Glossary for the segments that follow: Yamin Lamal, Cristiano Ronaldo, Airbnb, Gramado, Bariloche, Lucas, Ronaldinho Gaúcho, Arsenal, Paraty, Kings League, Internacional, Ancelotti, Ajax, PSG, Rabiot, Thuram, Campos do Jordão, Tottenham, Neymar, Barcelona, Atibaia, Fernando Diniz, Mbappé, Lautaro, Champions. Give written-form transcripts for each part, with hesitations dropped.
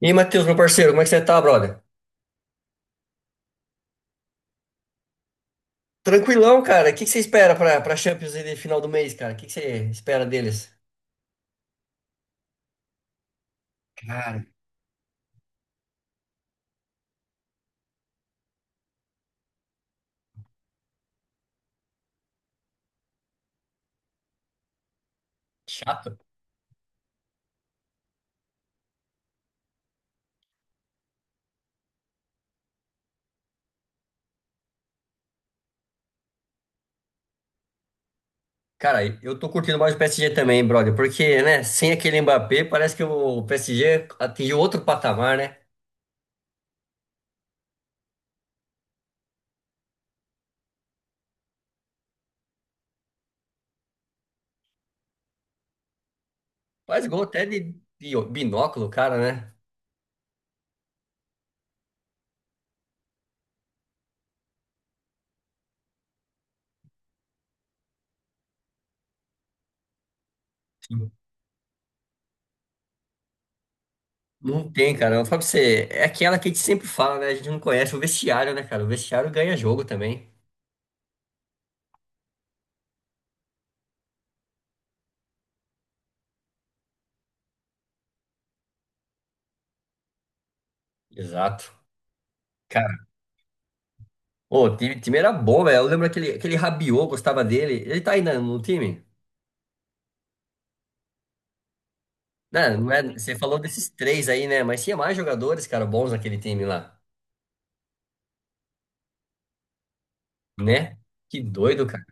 E aí, Matheus, meu parceiro, como é que você tá, brother? Tranquilão, cara. O que que você espera pra Champions aí de final do mês, cara? O que que você espera deles? Cara. Chato. Cara, eu tô curtindo mais o PSG também, brother, porque, né, sem aquele Mbappé, parece que o PSG atingiu outro patamar, né? Faz gol até de binóculo, cara, né? Sim. Não tem, cara. Eu falo pra você, é aquela que a gente sempre fala, né? A gente não conhece o vestiário, né, cara? O vestiário ganha jogo também. Exato. Ô, o time era bom, velho. Eu lembro aquele Rabiot, gostava dele. Ele tá aí na- no time? Né. Não, é, você falou desses três aí, né? Mas tinha mais jogadores, cara, bons naquele time lá, né? Que doido, cara.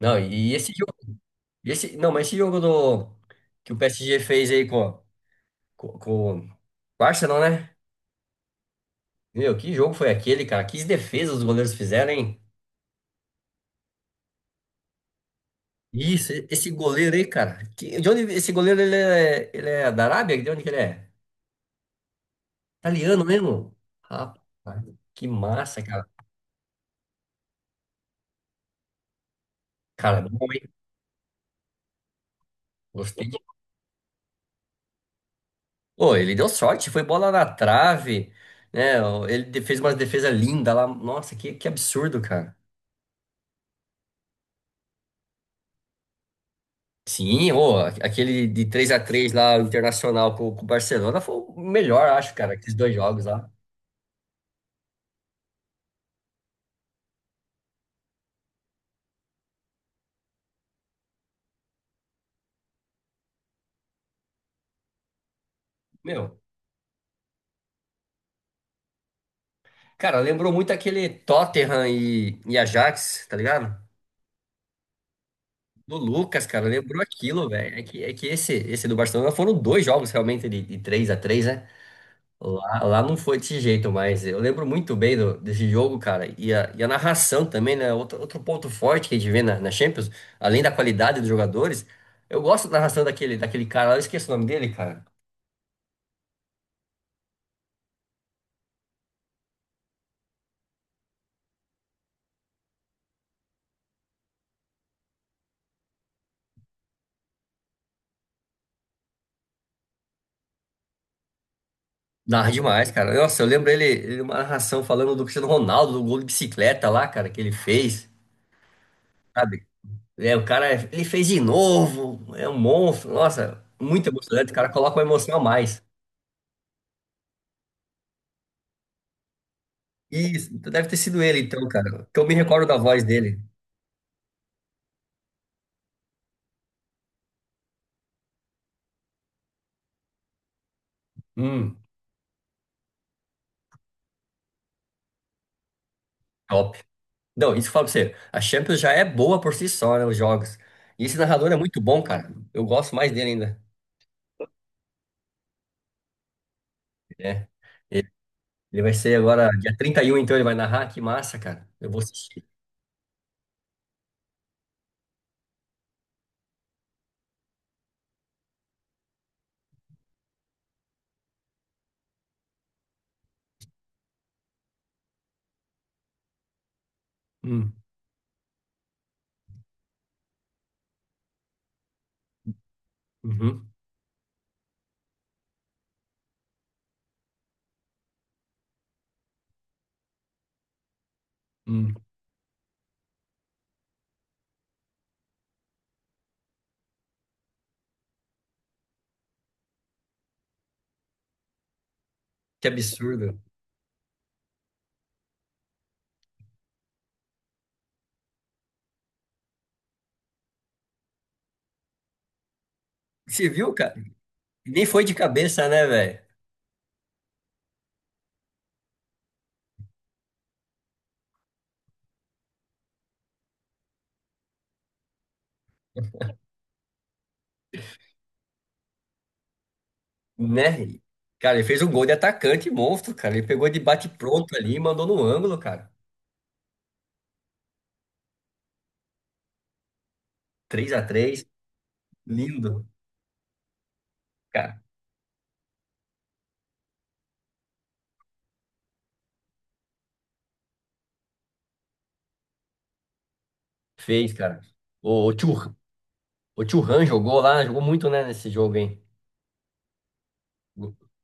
Não, e esse jogo, esse, não, mas esse jogo do, que o PSG fez aí com, com o Arsenal, né? Meu, que jogo foi aquele, cara? Que defesas os goleiros fizeram, hein? Isso, e- esse goleiro aí, cara. Que, de onde esse goleiro ele é da Arábia? De onde que ele é? Italiano mesmo? Rapaz, que massa, cara. Cara, bom, hein? Gostei. Pô, ele deu sorte, foi bola na trave, né? Ele de- fez uma defesa linda lá. Nossa, que absurdo, cara. Sim, ô, aquele de três a três lá, o Internacional com o Barcelona, foi o melhor, acho, cara, aqueles dois jogos lá. Meu, cara, lembrou muito aquele Tottenham e Ajax, tá ligado? Do Lucas, cara, lembrou aquilo, velho. É que esse do Barcelona foram dois jogos realmente de 3x3, né? Lá, lá não foi desse jeito, mas eu lembro muito bem do- desse jogo, cara. E a narração também, né? Outro, outro ponto forte que a gente vê na, na Champions, além da qualidade dos jogadores, eu gosto da narração daquele, daquele cara lá, eu esqueço o nome dele, cara. Narra demais, cara. Nossa, eu lembro ele, ele uma narração falando do Cristiano Ronaldo, do gol de bicicleta lá, cara, que ele fez, sabe? É, o cara, é- ele fez de novo, é um monstro. Nossa, muito emocionante, o cara coloca uma emoção a mais. Isso, então deve ter sido ele, então, cara, que eu me recordo da voz dele. Hum. Top. Não, isso que eu falo pra você. A Champions já é boa por si só, né? Os jogos. E esse narrador é muito bom, cara. Eu gosto mais dele ainda. É. Ele ele vai ser agora, dia 31 então ele vai narrar. Que massa, cara. Eu vou assistir. Hum, uhum. hum. Que absurdo. Você viu, cara? Nem foi de cabeça, né, velho? Né? Cara, ele fez um gol de atacante monstro, cara. Ele pegou de bate-pronto ali e mandou no ângulo, cara. Três a três. Lindo, cara. Fez, cara. O, o O Thuram jogou lá, jogou muito, né, nesse jogo, hein?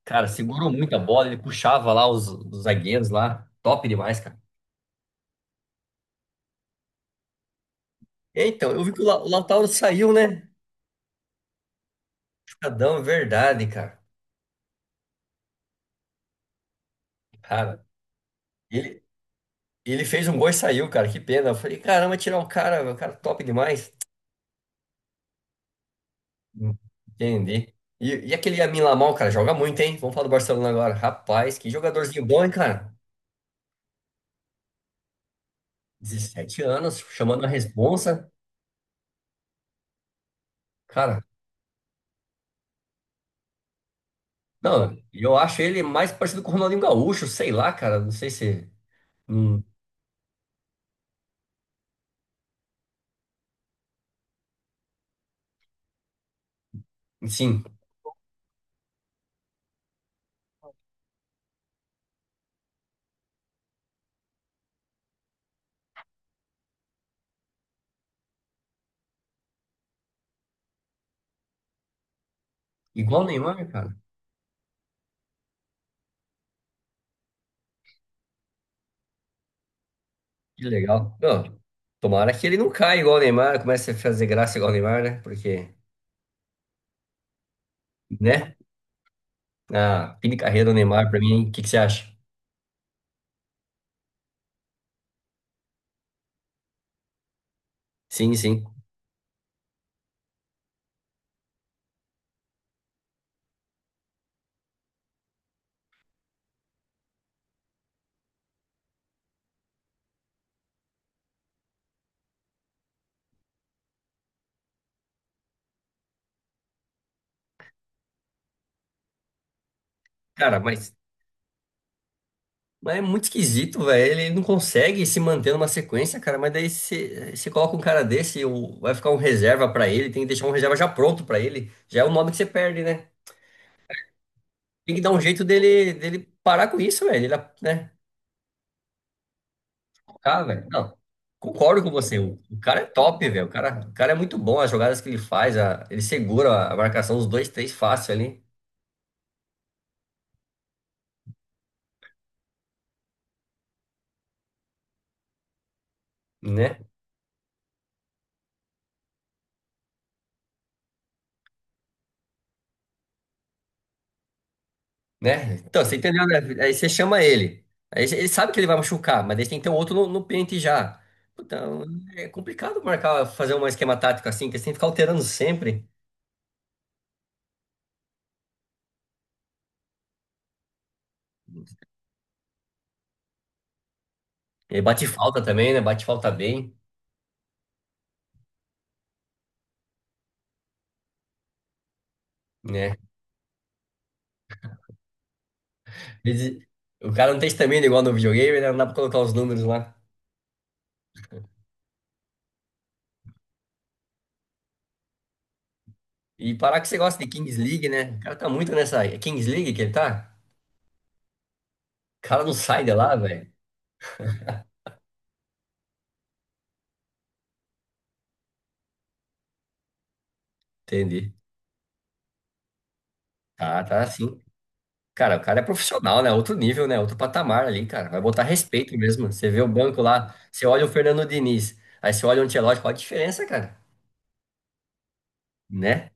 Cara, segurou muito a bola, ele puxava lá os zagueiros lá. Top demais, cara. É. Então, eu vi que o, La- o Lautaro saiu, né? Chocadão, é verdade, cara. Cara, ele, ele fez um gol e saiu, cara. Que pena. Eu falei, caramba, tirar o cara top demais. Hum. Entendi. E aquele Yamin Lamal, cara, joga muito, hein? Vamos falar do Barcelona agora. Rapaz, que jogadorzinho bom, hein, cara? 17 anos, chamando a responsa. Cara. Não, e eu acho ele mais parecido com o Ronaldinho Gaúcho, sei lá, cara. Não sei se. Hum. Sim, igual o Neymar, cara. Que legal. Não, tomara que ele não caia igual o Neymar, comece a fazer graça igual o Neymar, né? Porque, né? A fim de carreira do Neymar, pra mim, o que que você acha? Sim, sim. Cara, mas é muito esquisito, velho. Ele não consegue se manter numa sequência, cara. Mas daí você coloca um cara desse, o- vai ficar um reserva pra ele, tem que deixar um reserva já pronto pra ele. Já é o nome que você perde, né? Tem que dar um jeito dele parar com isso, velho. Ele, né? Ah, velho. Não, concordo com você. O cara é top, velho. O cara é muito bom. As jogadas que ele faz, a- ele segura a marcação dos dois, três fácil ali, né? Né? Então, você entendeu, né? Aí você chama ele. Aí ele sabe que ele vai machucar, mas ele tem que ter um outro no, no pente já. Então, é complicado marcar, fazer um esquema tático assim, que você tem que ficar alterando sempre. Ele bate falta também, né? Bate falta bem, né? Às vezes, o cara não tem estamina igual no videogame, né? Não dá pra colocar os números lá. E parar que você gosta de Kings League, né? O cara tá muito nessa. É Kings League que ele tá? O cara não sai de lá, velho. Entendi. Tá, tá assim. Cara, o cara é profissional, né? Outro nível, né? Outro patamar ali, cara. Vai botar respeito mesmo. Você vê o banco lá, você olha o Fernando Diniz, aí você olha o Ancelotti, qual a diferença, cara? Né?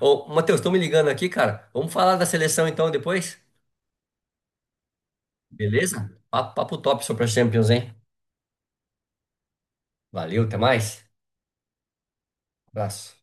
Ô, Matheus, estão me ligando aqui, cara. Vamos falar da seleção então depois? Beleza? Papo, papo top sobre a Champions, hein? Valeu, até mais. Abraço.